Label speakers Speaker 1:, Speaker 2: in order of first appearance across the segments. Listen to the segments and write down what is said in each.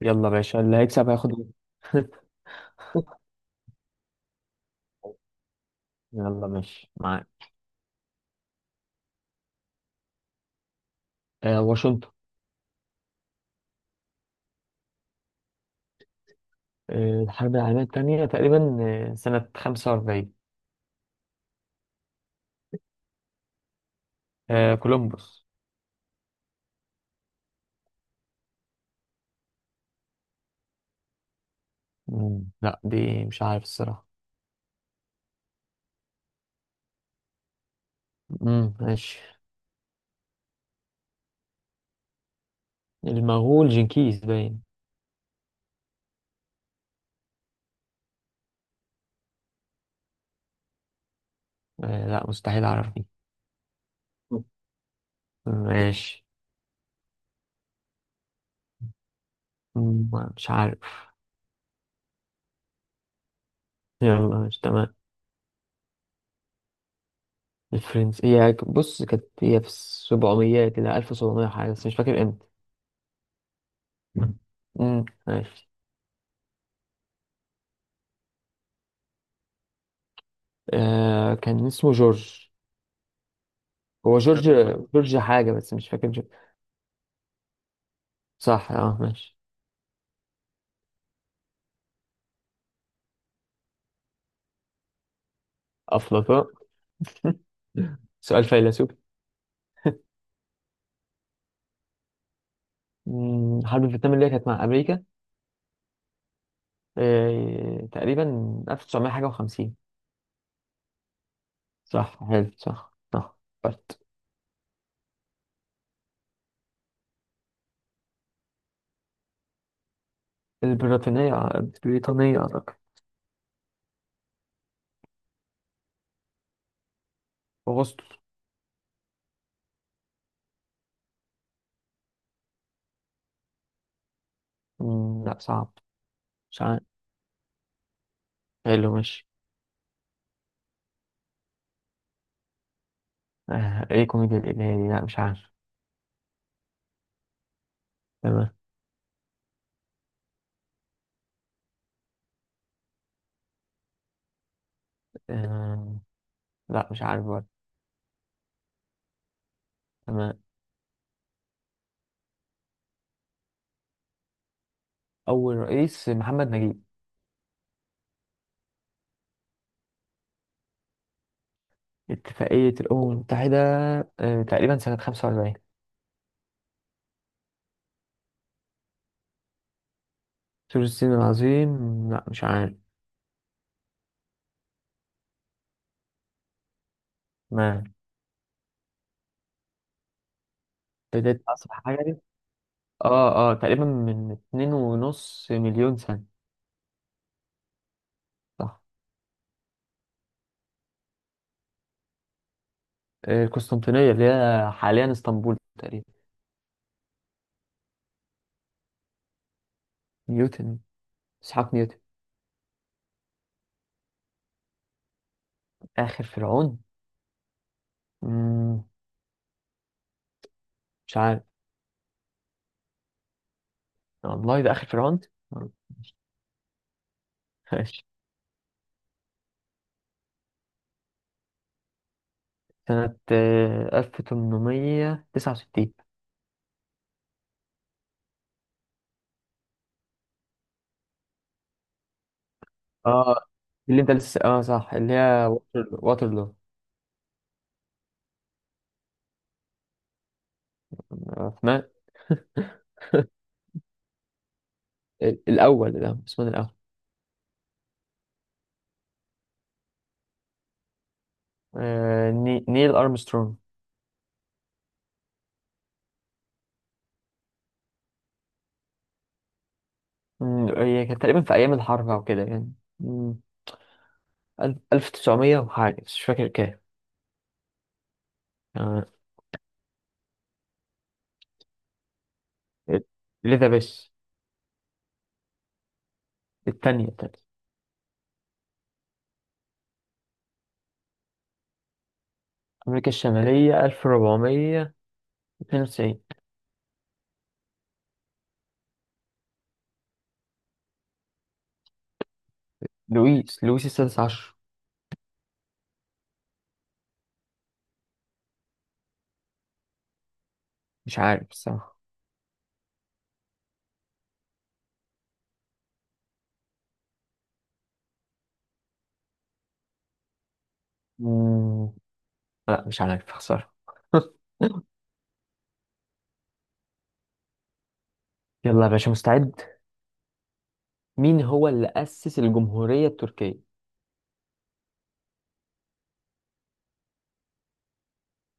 Speaker 1: يلا باشا اللي هيكسب هياخد واحد. يلا ماشي معاك. واشنطن. الحرب العالمية التانية تقريبا. سنة 45. كولومبوس. مم. لا، دي مش عارف الصراحة. مم. ماشي. المغول جنكيز باين. لا، مستحيل أعرف دي. ماشي. مم، مش عارف. يلا، مش تمام. الفرنس هي بص كانت هي في السبعميات، إلى ألف وسبعمية حاجة، بس مش فاكر امتى. مم. مم، ماشي. كان اسمه جورج. هو مش جورج، عارف والله جورج حاجة بس مش فاكر جورج. صح اه ماشي. أفلاطون. سؤال فيلسوفي. حرب الفيتنام اللي هي كانت مع أمريكا. تقريبا 1900 حاجة و50. صح حلو صح صح. بس. البريطانية البريطانية أعتقد. أغسطس. مم، لا صعب. مش عارف. حلو ماشي. إيه كوميديا الإلهي دي؟ لا مش عارف. تمام. آه، لا مش عارف برضه. تمام. أول رئيس محمد نجيب. اتفاقية الأمم المتحدة. تقريبا سنة 45. سور الصين العظيم. لا مش عارف. ما... بداية أصل حاجة دي. اه اه، تقريبا من اتنين ونص مليون سنة. صح. القسطنطينية اللي هي حاليا اسطنبول تقريبا. نيوتن. اسحاق نيوتن. آخر فرعون. مم، مش عارف. والله ده آخر فرعون. ماشي. سنة 1869. اه اللي انت لسه اه صح اللي هي واترلو. عثمان الأول. ده عثمان الأول. نيل أرمسترونج. هي كانت تقريبا في أيام الحرب أو كده يعني. مم، ألف تسعمية وحاجة بس مش فاكر كام. آه، إليزابيث. التانية التانية. أمريكا الشمالية 1492. لويس السادس عشر. مش عارف الصراحة. مم، لا مش عارف، خسارة. يلا يا باشا، مستعد. مين هو اللي أسس الجمهورية التركية؟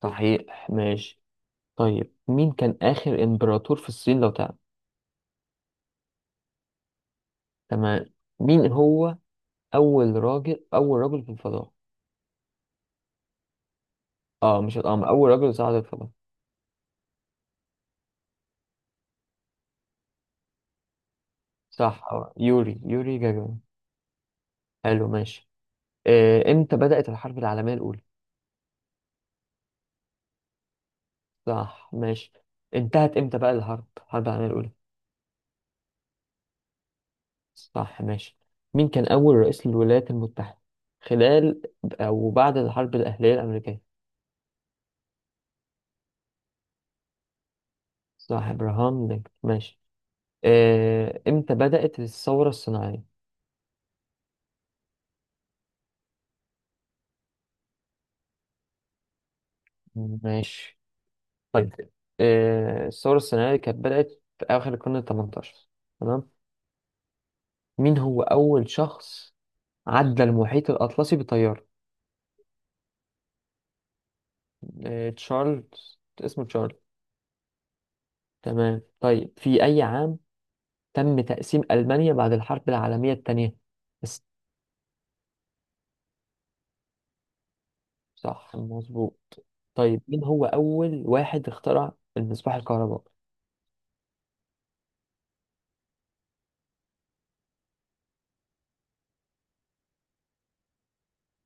Speaker 1: صحيح ماشي. طيب، مين كان آخر إمبراطور في الصين لو تعلم؟ تمام. مين هو أول رجل في الفضاء؟ اه مش القمر، اول رجل صعد الفضاء. صح اه يوري جاجارين. حلو ماشي. امتى بدأت الحرب العالمية الأولى؟ صح ماشي. انتهت امتى بقى الحرب العالمية الأولى؟ صح ماشي. مين كان أول رئيس للولايات المتحدة خلال أو بعد الحرب الأهلية الأمريكية؟ صح، إبراهام لينكولن، ماشي. امتى بدأت الثورة الصناعية؟ ماشي. طيب، الثورة الصناعية كانت بدأت في آخر القرن التمنتاشر. تمام. مين هو أول شخص عدى المحيط الأطلسي بطيارة؟ تشارلز، اسمه تشارلز. تمام. طيب، في أي عام تم تقسيم ألمانيا بعد الحرب العالمية الثانية؟ بس. صح مظبوط. طيب، مين هو أول واحد اخترع المصباح الكهربائي؟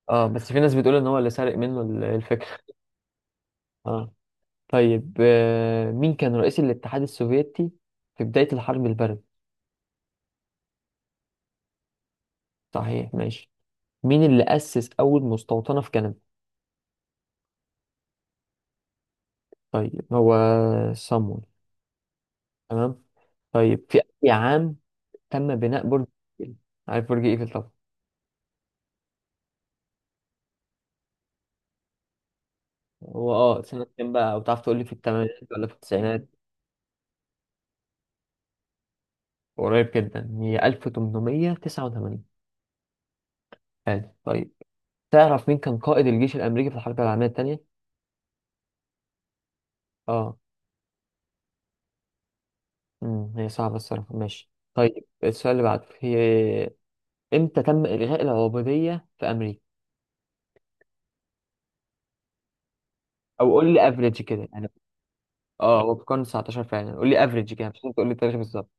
Speaker 1: اه، بس في ناس بتقول ان هو اللي سرق منه الفكرة. اه. طيب مين كان رئيس الاتحاد السوفيتي في بداية الحرب الباردة؟ صحيح ماشي. مين اللي أسس أول مستوطنة في كندا؟ طيب هو صامويل. تمام. طيب، في أي عام تم بناء برج إيفل؟ عارف برج إيفل طبعا. هو سنة كام بقى، أو تعرف تقول لي في الثمانينات ولا في التسعينات؟ قريب جدا، هي 1889. حلو طيب. تعرف مين كان قائد الجيش الأمريكي في الحرب العالمية الثانية؟ اه، هي صعبة الصراحة، ماشي. طيب، السؤال اللي بعده هي، امتى تم إلغاء العبودية في أمريكا؟ أو قول لي افريج كده يعني. اه هو في القرن 19 فعلا، قول لي افريج كده، مش لازم تقول لي التاريخ بالظبط.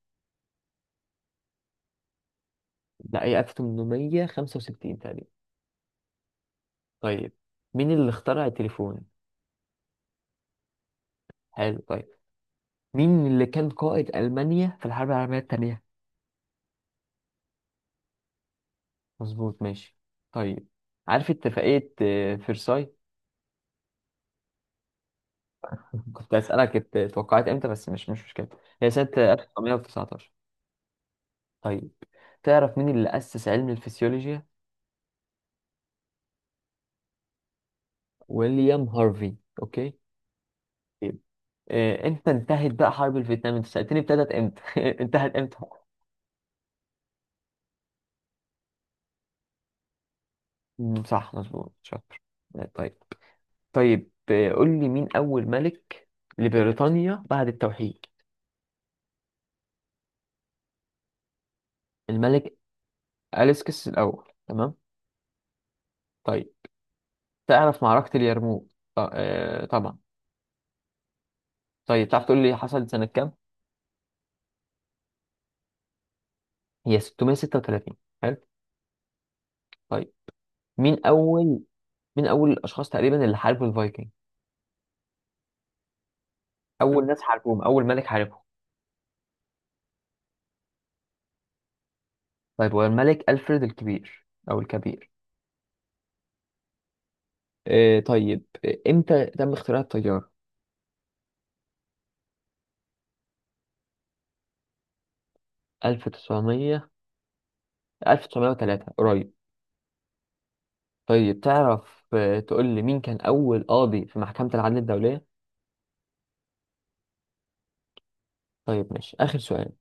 Speaker 1: لا، هي 1865 تقريبا. طيب، مين اللي اخترع التليفون؟ حلو طيب. مين اللي كان قائد ألمانيا في الحرب العالمية التانية؟ مظبوط ماشي. طيب، عارف اتفاقية فرساي؟ كنت أسألك توقعت امتى، بس مش مشكلة. هي سنة 1919. طيب، تعرف مين اللي أسس علم الفسيولوجيا؟ ويليام هارفي. أوكي. طيب. امتى انتهت بقى حرب الفيتنام؟ انت سألتني ابتدت امتى، انتهت امتى؟ مم، صح مظبوط، شاطر. طيب. طيب قول لي مين أول ملك لبريطانيا بعد التوحيد؟ الملك أليسكس الأول. تمام. طيب، تعرف معركة اليرموك؟ طبعا. طيب، تعرف تقول لي حصلت سنة كام؟ هي 636. حلو طيب. مين أول مين أول الأشخاص تقريبا اللي حاربوا الفايكنج؟ أول ناس حاربوهم، أول ملك حاربهم. طيب هو الملك ألفريد الكبير. أو الكبير. طيب، إمتى تم اختراع الطيارة؟ 1900. 1903 قريب. طيب، تعرف تقول لي مين كان أول قاضي في محكمة العدل الدولية؟ طيب ماشي، آخر سؤال.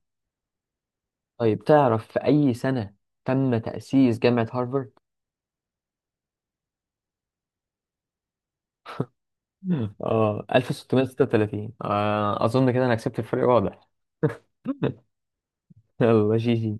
Speaker 1: طيب، تعرف في أي سنة تم تأسيس جامعة هارفارد؟ اه 1636. أظن كده أنا كسبت، الفرق واضح. يلا جي جي.